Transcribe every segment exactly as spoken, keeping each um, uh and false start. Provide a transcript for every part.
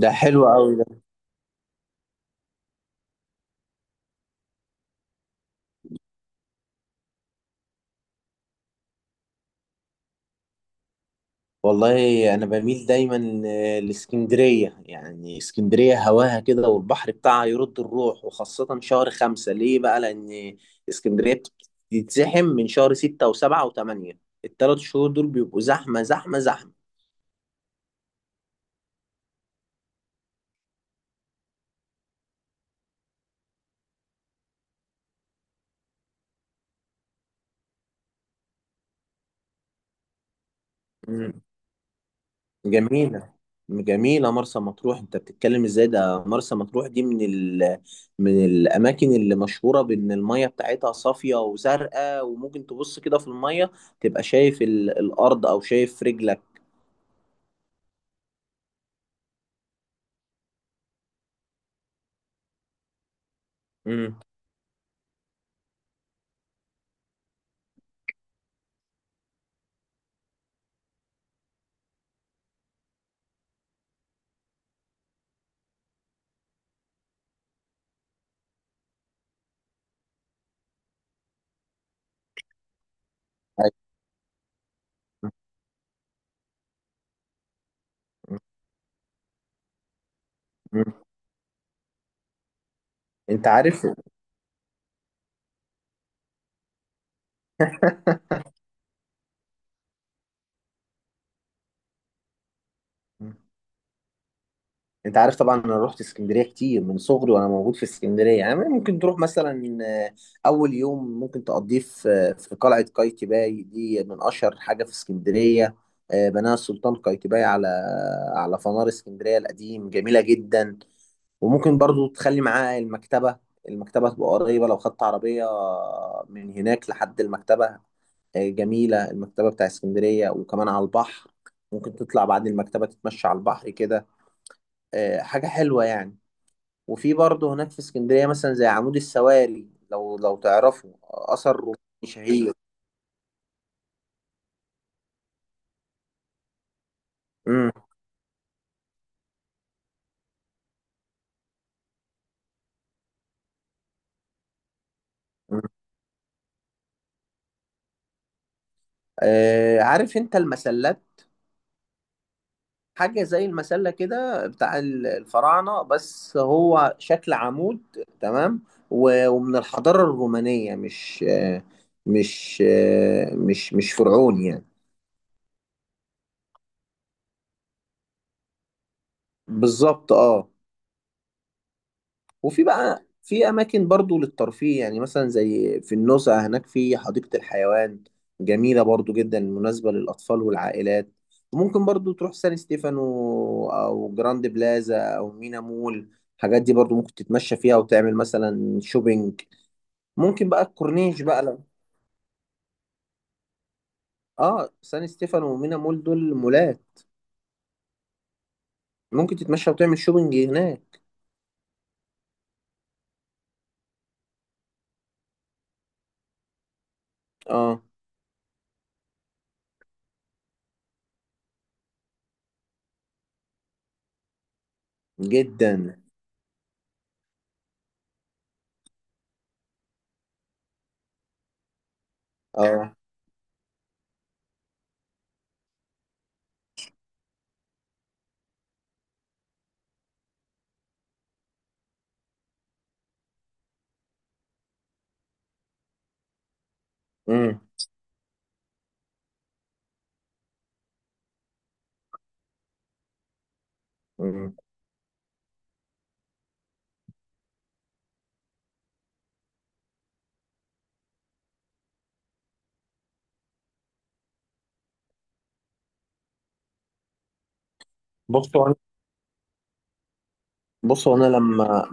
ده حلو قوي ده. والله انا بميل دايما آه، لاسكندريه، يعني اسكندريه هواها كده والبحر بتاعها يرد الروح، وخاصه شهر خمسة. ليه بقى؟ لان اسكندريه بتتزحم من شهر ستة وسبعة وثمانية. الثلاث شهور دول بيبقوا زحمه زحمه زحمه. جميلة، جميلة مرسى مطروح، انت بتتكلم ازاي؟ ده مرسى مطروح دي من ال... من الاماكن اللي مشهورة بان المية بتاعتها صافية وزرقاء، وممكن تبص كده في المية تبقى شايف ال... الارض او شايف رجلك. امم. أيوة. مم. انت عارف. انت عارف طبعا، انا رحت اسكندريه كتير من صغري وانا موجود في اسكندريه. يعني ممكن تروح مثلا، آه، اول يوم ممكن تقضيه في، آه، في قلعه قايتباي، دي من اشهر حاجه في اسكندريه. آه، بناها السلطان قايتباي على على فنار اسكندريه القديم. جميله جدا. وممكن برضو تخلي معاه المكتبه. المكتبه تبقى قريبه لو خدت عربيه من هناك لحد المكتبه. آه، جميله المكتبه بتاع اسكندريه، وكمان على البحر. ممكن تطلع بعد المكتبه تتمشى على البحر كده. آه، حاجة حلوة يعني. وفي برضه هناك في اسكندرية مثلا زي عمود السواري، لو لو تعرفه، أثر روماني شهير. مم. مم. آه، عارف أنت المسلات؟ حاجة زي المسلة كده بتاع ال- الفراعنة، بس هو شكل عمود تمام. و- ومن الحضارة الرومانية مش آه، مش آه، مش مش فرعوني يعني. بالظبط، اه. وفي بقى في اماكن برضو للترفيه، يعني مثلا زي في النزهة هناك في حديقة الحيوان. جميلة برضو جدا، مناسبة للاطفال والعائلات. وممكن برضو تروح سان ستيفانو او جراند بلازا او مينا مول. الحاجات دي برضو ممكن تتمشى فيها وتعمل مثلا شوبينج. ممكن بقى الكورنيش بقى لو... اه، سان ستيفانو ومينا مول دول مولات. ممكن تتمشى وتعمل شوبينج هناك. اه. جدا. اه. امم. بصوا. بص هو انا لما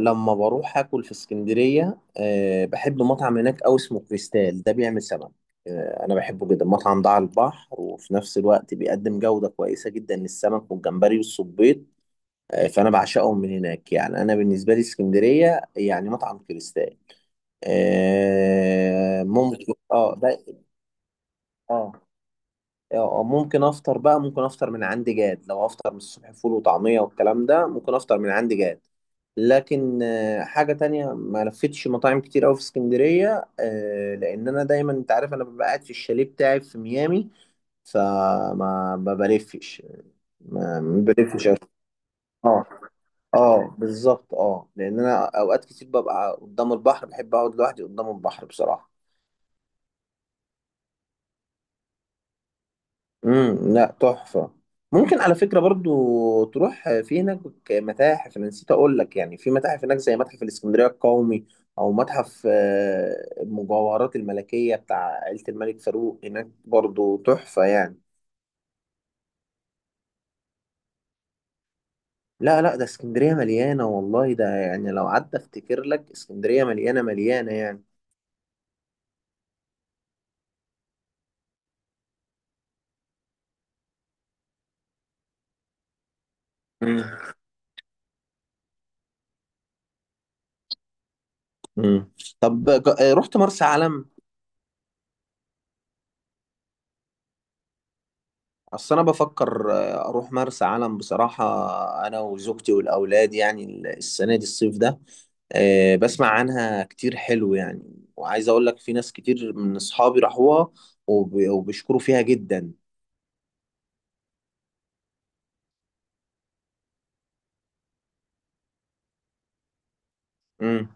لما بروح اكل في اسكندريه، أه بحب مطعم هناك قوي اسمه كريستال، ده بيعمل سمك. أه انا بحبه جدا، مطعم ده على البحر وفي نفس الوقت بيقدم جوده كويسه جدا للسمك والجمبري والصبيط. أه فانا بعشقهم من هناك، يعني انا بالنسبه لي اسكندريه يعني مطعم كريستال. أه ممكن، اه، ده. اه. آه، ممكن افطر بقى، ممكن افطر من عندي جاد. لو افطر من الصبح فول وطعمية والكلام ده، ممكن افطر من عندي جاد. لكن آه، حاجة تانية، ما لفتش مطاعم كتير أوي في اسكندرية، آه، لأن أنا دايما أنت عارف أنا ببقى قاعد في الشاليه بتاعي في ميامي. فما ما بلفش، ما ما بلفش أوي. اه، اه، بالظبط، اه، لأن أنا أوقات كتير ببقى قدام البحر، بحب أقعد لوحدي قدام البحر بصراحة. امم لا، تحفة. ممكن، على فكرة، برضو تروح في هناك متاحف. انا نسيت اقول لك، يعني في متاحف هناك زي متحف الاسكندرية القومي، او متحف آه، المجوهرات الملكية بتاع عيلة الملك فاروق، هناك برضو تحفة يعني. لا، لا، ده اسكندرية مليانة والله. ده يعني لو قعدت افتكر لك، اسكندرية مليانة مليانة يعني. امم. امم. طب، ج- آه، رحت مرسى علم؟ اصل انا بفكر آه، اروح مرسى علم بصراحه، انا وزوجتي والاولاد يعني، السنه دي الصيف ده. آه، بسمع عنها كتير حلو يعني. وعايز اقول لك، في ناس كتير من اصحابي راحوها وب- وبيشكروا فيها جدا. امم.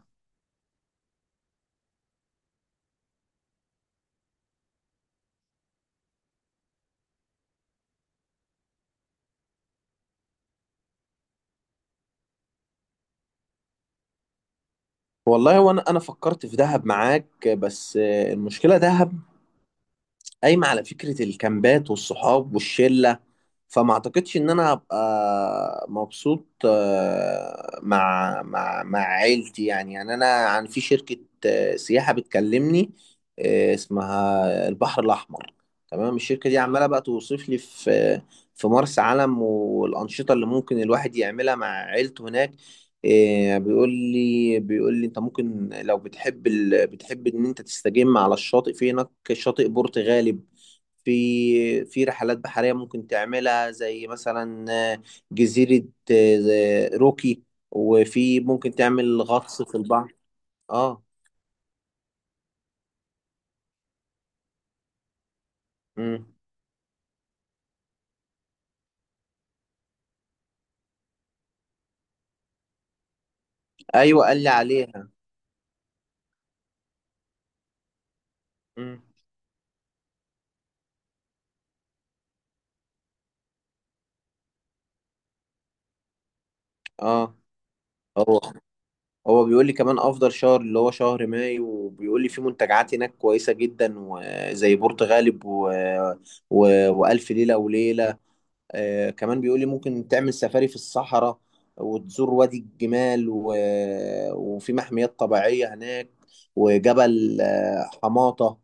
والله، وانا انا فكرت في دهب معاك، بس آه، المشكله دهب قايمه على فكره الكامبات والصحاب والشله، فما اعتقدش ان انا هبقى مبسوط آه، مع مع مع عيلتي. يعني يعني انا عن في شركة آه، سياحة بتكلمني، آه، اسمها البحر الاحمر. تمام. الشركة دي عمالة بقى توصف لي في في مرسى علم والانشطة اللي ممكن الواحد يعملها مع عيلته هناك. آه، بيقول لي بيقول لي انت ممكن لو بتحب ال... بتحب ان انت تستجم على الشاطئ، في هناك شاطئ بورتغالي. في في رحلات بحرية ممكن تعملها زي مثلا آه، جزيرة آه، روكي، وفي ممكن تعمل غطس في البحر. اه. مم. ايوه، قال لي عليها. مم. اه. هو هو بيقول لي كمان افضل شهر اللي هو شهر مايو، وبيقول لي في منتجعات هناك كويسة جدا، وزي برتغالب و... و... والف ليلة وليلة. آه، كمان بيقول لي ممكن تعمل سفاري في الصحراء، وتزور وادي الجمال و... وفي محميات طبيعية هناك، وجبل آه، حماطة.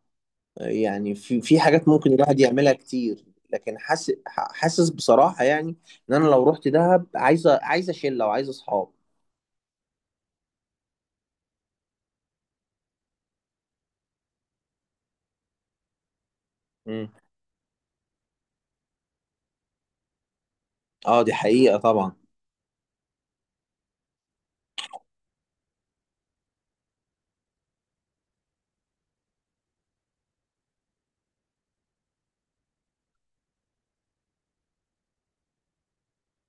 آه، يعني في في حاجات ممكن الواحد يعملها كتير. لكن حاسس حاسس بصراحة يعني، ان انا لو رحت دهب عايزة عايزة شلة وعايزة اصحاب. مم. اه، دي حقيقة طبعا.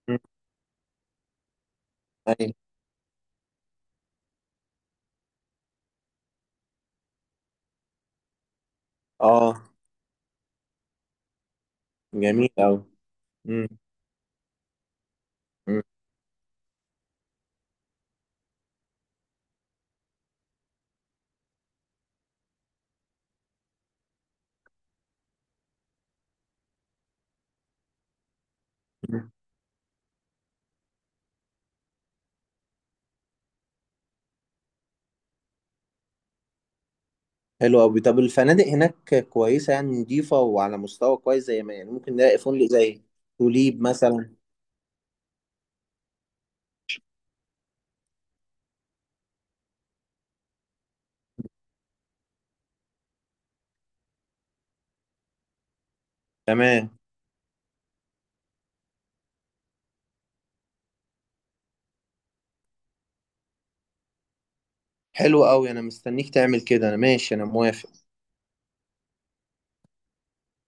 مم. أيوة. اه، جميل أوي. مم. مم. حلو أوي. طب الفنادق هناك كويسة، يعني نضيفة وعلى مستوى كويس، زي ما يعني ممكن نلاقي فندق زي توليب مثلا؟ تمام. حلو أوي، أنا مستنيك تعمل كده. أنا ماشي، أنا موافق.